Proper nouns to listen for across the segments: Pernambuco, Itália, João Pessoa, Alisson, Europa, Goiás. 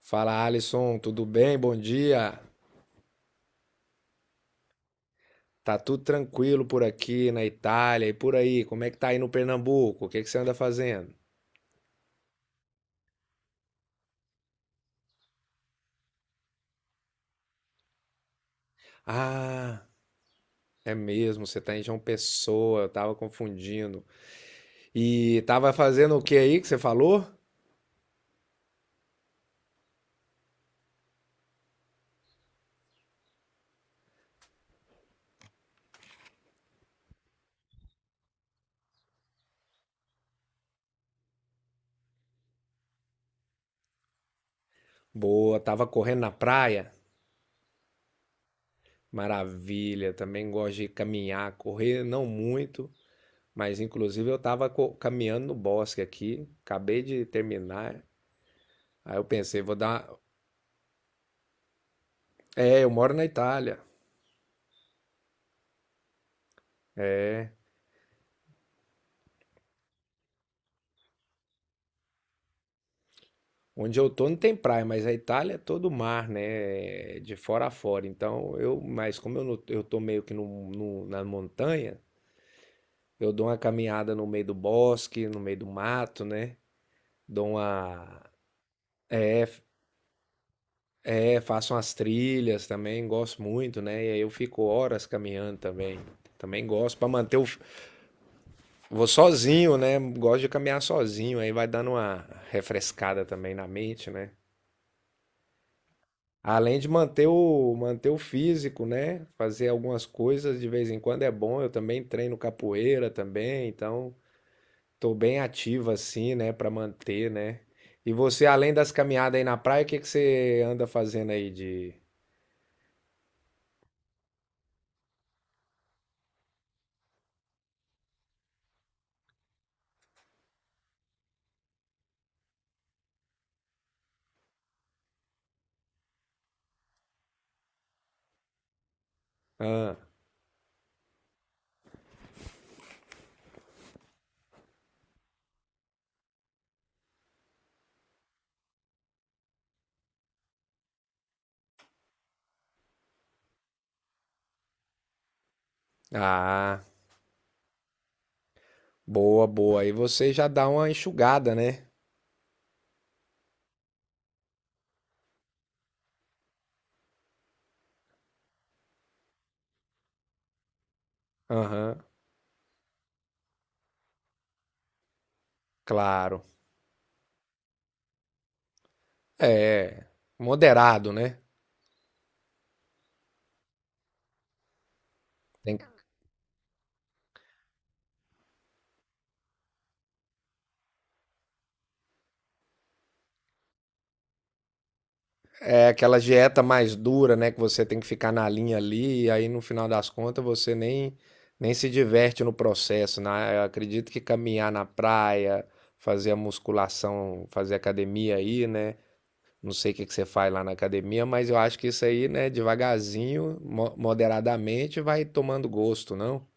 Fala Alisson, tudo bem? Bom dia. Tá tudo tranquilo por aqui na Itália e por aí. Como é que tá aí no Pernambuco? O que é que você anda fazendo? Ah, é mesmo, você tá em João Pessoa, eu tava confundindo. E tava fazendo o que aí que você falou? Boa, tava correndo na praia? Maravilha, também gosto de caminhar, correr não muito, mas inclusive eu tava caminhando no bosque aqui, acabei de terminar. Aí eu pensei, vou dar. É, eu moro na Itália. É. Onde eu tô não tem praia, mas a Itália é todo mar, né? De fora a fora. Então eu, mas como eu, eu tô meio que no, na montanha, eu dou uma caminhada no meio do bosque, no meio do mato, né? Dou uma. É, é, faço umas trilhas também, gosto muito, né? E aí eu fico horas caminhando também. Também gosto pra manter o. Vou sozinho, né? Gosto de caminhar sozinho, aí vai dando uma refrescada também na mente, né? Além de manter o, manter o físico, né? Fazer algumas coisas de vez em quando é bom. Eu também treino capoeira também, então tô bem ativo assim, né? Pra manter, né? E você, além das caminhadas aí na praia, o que que você anda fazendo aí de... Ah, ah, boa, boa. Aí você já dá uma enxugada, né? Aham, claro. É, moderado, né? Tem que. É aquela dieta mais dura, né? Que você tem que ficar na linha ali, e aí no final das contas você nem, nem se diverte no processo, né? Eu acredito que caminhar na praia, fazer a musculação, fazer academia aí, né? Não sei o que que você faz lá na academia, mas eu acho que isso aí, né, devagarzinho, moderadamente, vai tomando gosto, não?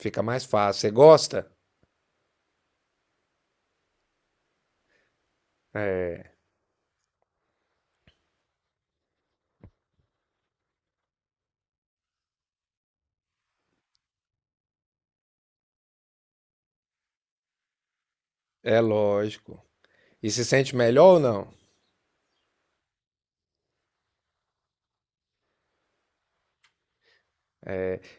Fica mais fácil. Você gosta? É, é lógico. E se sente melhor ou não?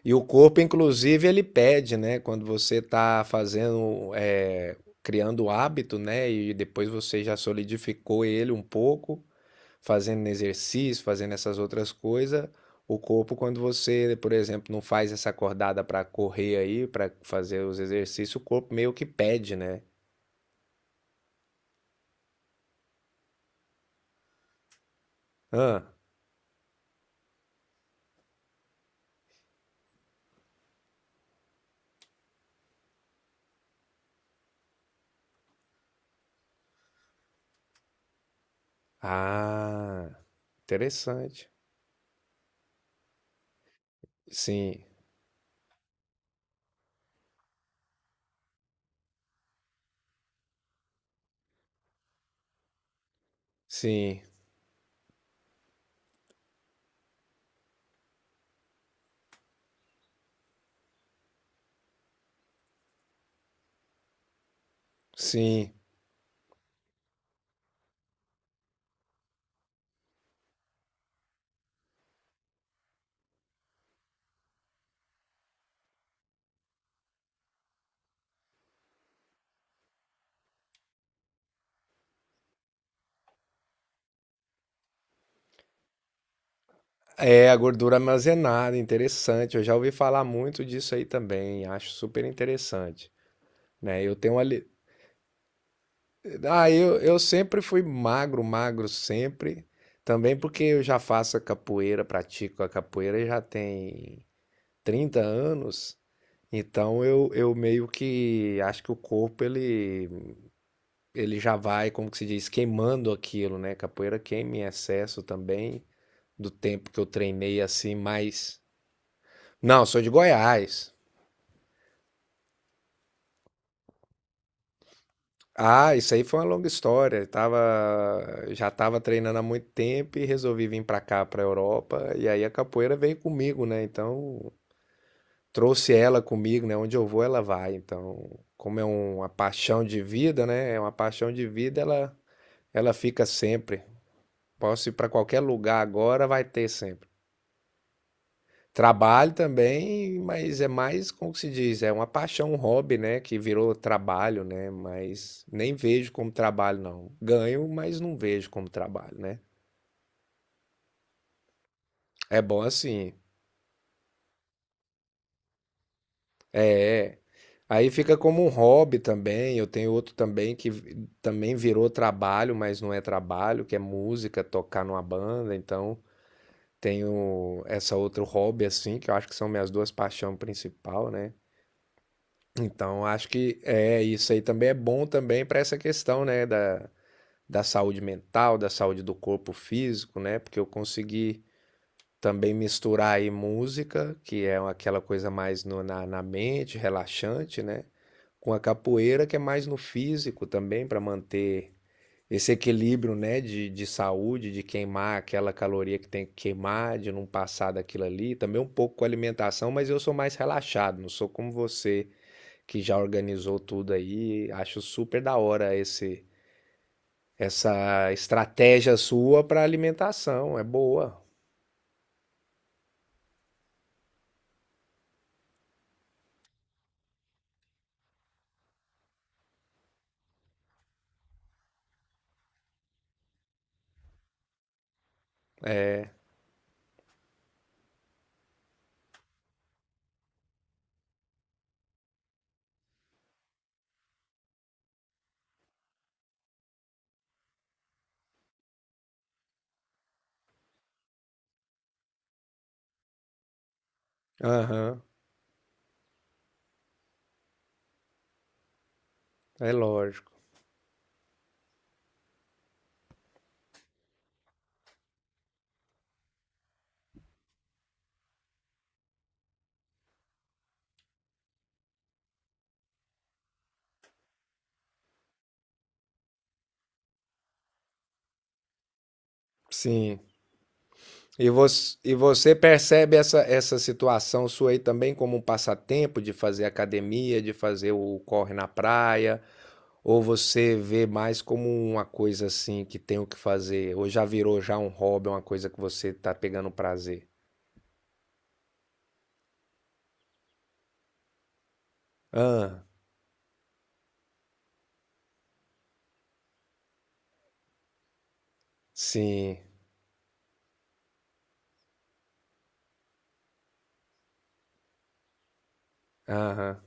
E o corpo, inclusive, ele pede, né? Quando você está fazendo, é, criando o hábito, né? E depois você já solidificou ele um pouco, fazendo exercício, fazendo essas outras coisas. O corpo, quando você, por exemplo, não faz essa acordada para correr aí, para fazer os exercícios, o corpo meio que pede, né? Ah, ah, interessante. Sim, sim, sim. É, a gordura armazenada, interessante. Eu já ouvi falar muito disso aí também, acho super interessante, né? Eu tenho ali, ah, eu sempre fui magro, magro sempre, também porque eu já faço a capoeira, pratico a capoeira já tem 30 anos, então eu meio que acho que o corpo ele, ele já vai, como que se diz, queimando aquilo, né? Capoeira queima em excesso também do tempo que eu treinei assim, mas. Não, sou de Goiás. Ah, isso aí foi uma longa história. Eu tava, já estava treinando há muito tempo e resolvi vir para cá, para Europa. E aí a capoeira veio comigo, né? Então trouxe ela comigo, né? Onde eu vou, ela vai. Então, como é uma paixão de vida, né? É uma paixão de vida, ela fica sempre. Posso ir para qualquer lugar agora, vai ter sempre. Trabalho também, mas é mais, como que se diz, é uma paixão, um hobby, né, que virou trabalho, né, mas nem vejo como trabalho, não. Ganho, mas não vejo como trabalho, né. É bom assim. É, é, aí fica como um hobby também. Eu tenho outro também também virou trabalho, mas não é trabalho, que é música, tocar numa banda, então tenho essa outro hobby assim, que eu acho que são minhas duas paixões principais, né. Então, acho que é isso aí também é bom também para essa questão, né, da, da saúde mental, da saúde do corpo físico, né? Porque eu consegui também misturar aí música, que é aquela coisa mais na, na mente, relaxante, né? Com a capoeira, que é mais no físico também, para manter esse equilíbrio, né, de saúde, de queimar aquela caloria que tem que queimar, de não passar daquilo ali. Também um pouco com alimentação, mas eu sou mais relaxado, não sou como você que já organizou tudo aí. Acho super da hora esse essa estratégia sua para alimentação. É boa. É. Aham. É lógico. Sim. E você percebe essa, essa situação sua aí também como um passatempo de fazer academia, de fazer o corre na praia? Ou você vê mais como uma coisa assim que tem o que fazer? Ou já virou já um hobby, uma coisa que você tá pegando prazer? Ah, sim. Aham.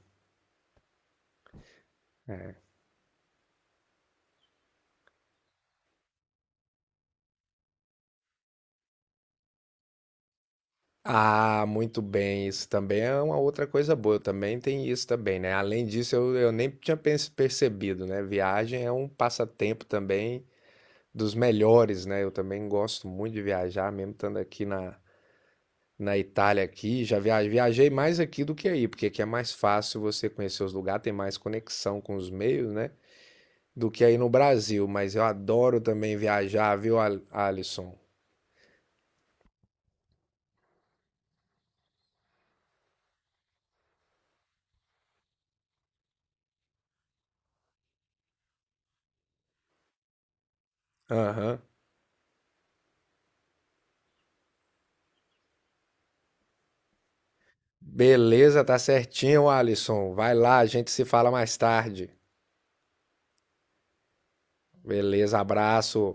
Ah, muito bem. Isso também é uma outra coisa boa. Também tem isso também, né? Além disso, eu nem tinha percebido, né? Viagem é um passatempo também dos melhores, né? Eu também gosto muito de viajar, mesmo estando aqui na, na Itália aqui. Já viajei, viajei mais aqui do que aí, porque aqui é mais fácil você conhecer os lugares, tem mais conexão com os meios, né? Do que aí no Brasil. Mas eu adoro também viajar, viu, Alisson? Aham. Beleza, tá certinho, Alisson. Vai lá, a gente se fala mais tarde. Beleza, abraço.